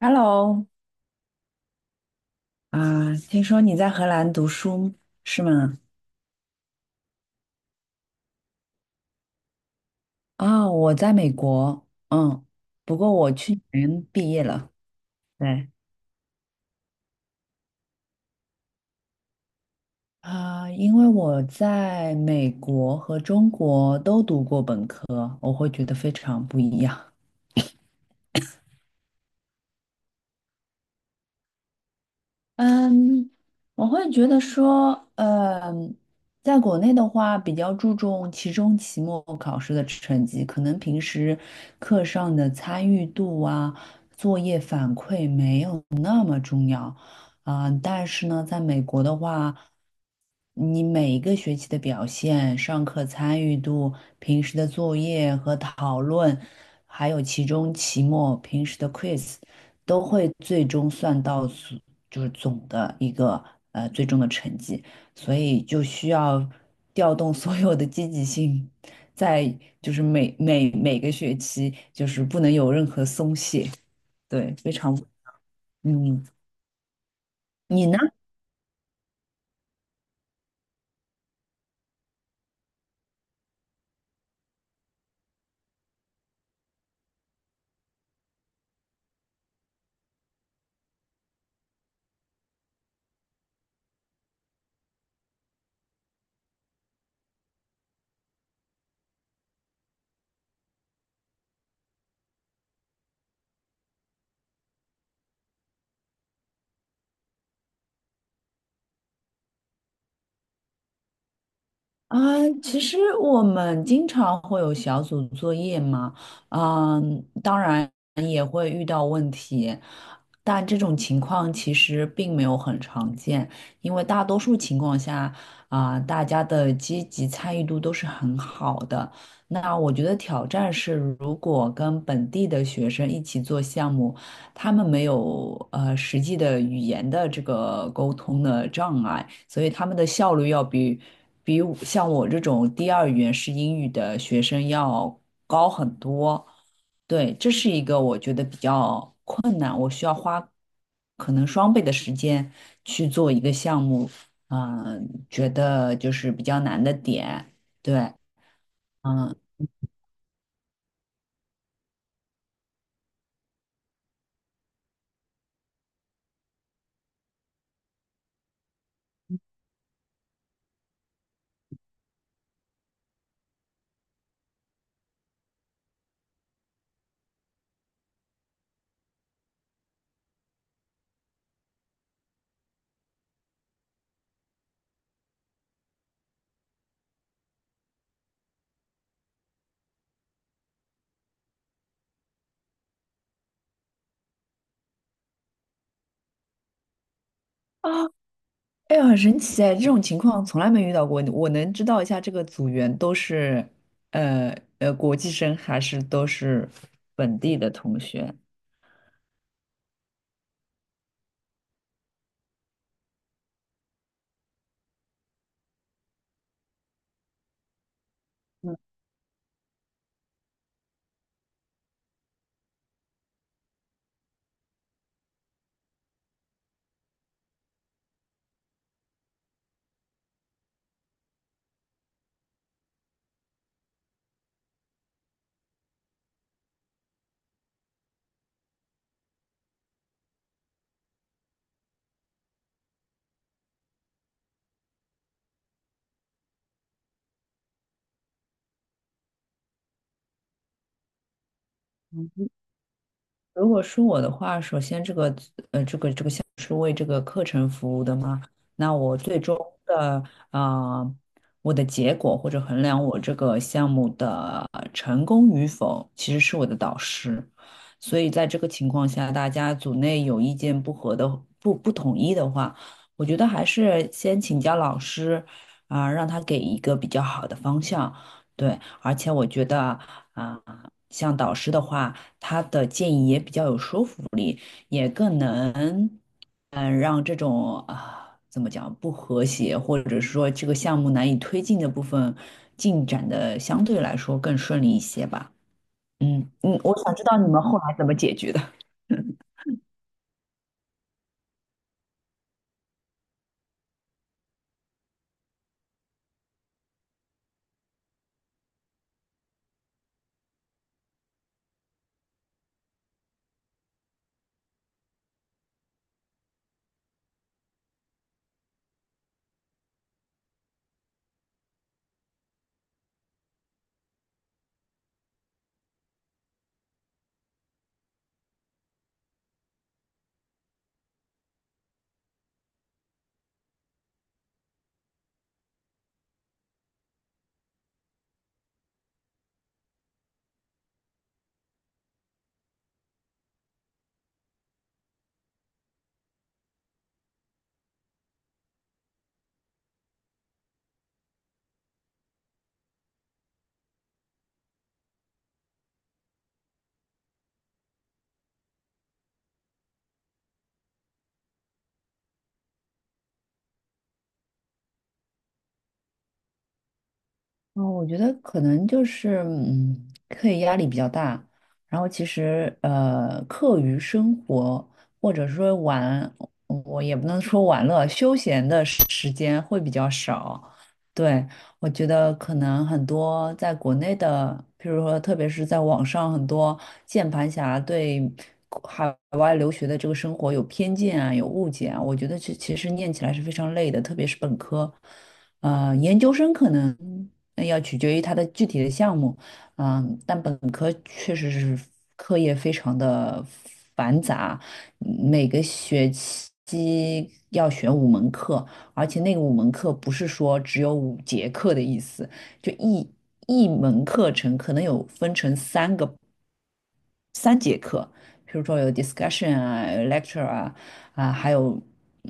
Hello，听说你在荷兰读书是吗？我在美国，不过我去年毕业了。对。因为我在美国和中国都读过本科，我会觉得非常不一样。嗯，我会觉得说，在国内的话，比较注重期中、期末考试的成绩，可能平时课上的参与度啊、作业反馈没有重要。但是呢，在美国的话，你每一个学期的表现、上课参与度、平时的作业和讨论，还有其中、期末、平时的 quiz，都会最终算到总就是总的一个最终的成绩，所以就需要调动所有的积极性，在就是每个学期就是不能有任何松懈，对，非常嗯，你呢？啊，其实我们经常会有小组作业嘛，当然也会遇到问题，但这种情况其实并没有很常见，因为大多数情况下，大家的积极参与度都是很好的。那我觉得挑战是，如果跟本地的学生一起做项目，他们没有实际的语言的这个沟通的障碍，所以他们的效率要比我，像我这种第二语言是英语的学生要高很多。对，这是一个我觉得比较双倍的时间去做一个项目，觉得就是比较难的点。对。嗯。啊，哎呀，很神奇哎，这种情况从来没遇到过。我能知道一下这个组员都是国际生还是都是本地的同学？如果是我的话，首先这个呃这个是为这个课程服务的吗？那我最终的，啊，我的结果或者衡量我这个项目的成功与否，其实是我的导师。所以在这个情况下，大家组内有意见不合的、不统一的话，我觉得还是先请教老师，让他给一个比较好的方向。对，而且我觉得，啊，像导师的话，他的建议也比较有说服力，也更能，让这种，怎么讲，不和谐，或者是说这个项目难以推进的部分，进展的相对来说更顺利一些吧。我想知道你们后来怎么解决的。哦，我觉得可能就是，课业压力比较大，然后其实课余生活或者说玩，我也不能说玩乐，休闲的间会比较少。对。我觉得可能很多在国内的，譬如说特别是在网上，很多键盘侠对海外留学的这个生活有偏见啊，有误解啊。我觉得实念起来是非常累的，特别是本科，研究生可能那要取决于它的具体的项目，但本科确实是课业非常的繁杂，每个学期要选五门课，而且那个五门课不是说只有五节课的意思，就一一门课程可能有分成三节课，比如说有 discussion 啊、有 lecture 啊，啊，还有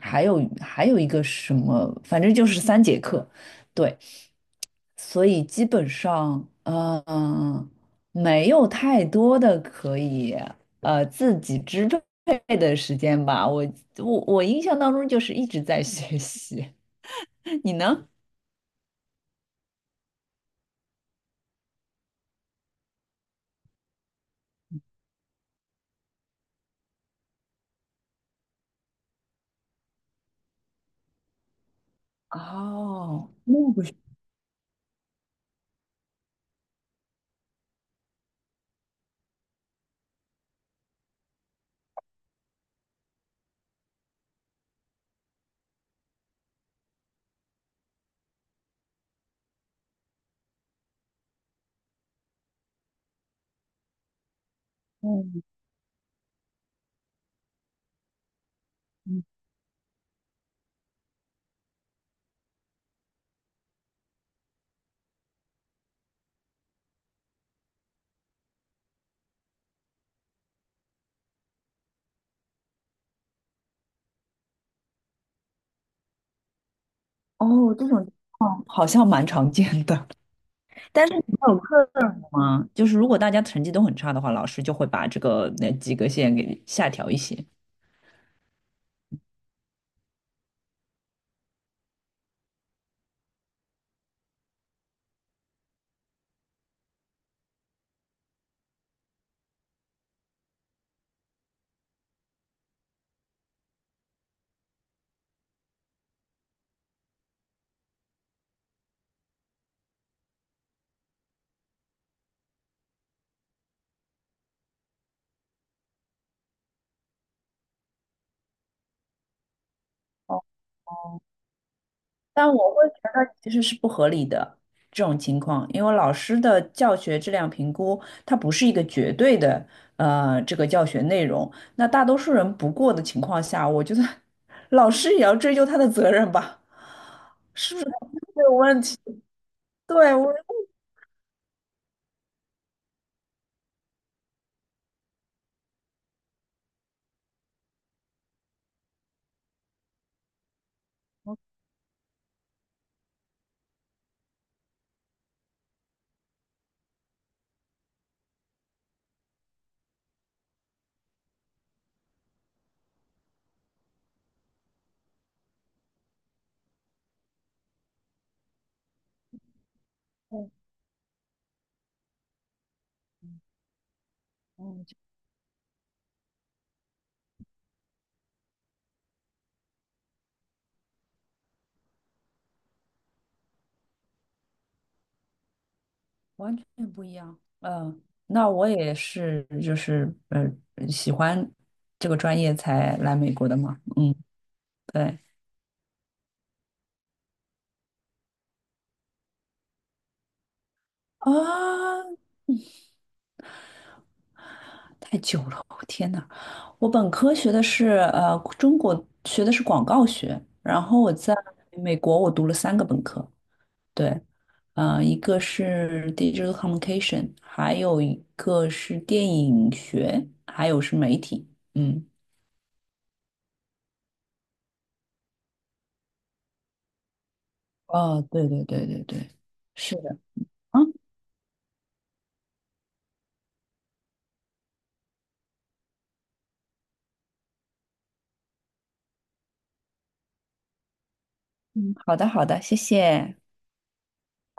还有一个什么，反正就是三节课，对，所以基本上，没有太多的可以自己支配的时间吧。我印象当中就是一直在学习，你呢？哦，那个时候，哦，这种好像蛮常见的。但是你们有课吗？就是如果大家成绩都很差的话，老师就会把这个那及格线给下调一些。但我会觉得其实是不合理的这种情况，因为老师的教学质量评估，它不是一个绝对的这个教学内容。那大多数人不过的情况下，我觉得老师也要追究他的责任吧，是不是他们有问题？对，我完全不一样。嗯，那我也是，就是喜欢这个专业才来美国的嘛。嗯，对。啊，太久了，我天呐，我本科学的是，中国学的是广告学，然后我在美国我读了三个本科，对。一个是 digital communication，还有一个是电影学，还有是媒体。嗯。哦，对对对对对，是的。嗯，好的，好的，谢谢，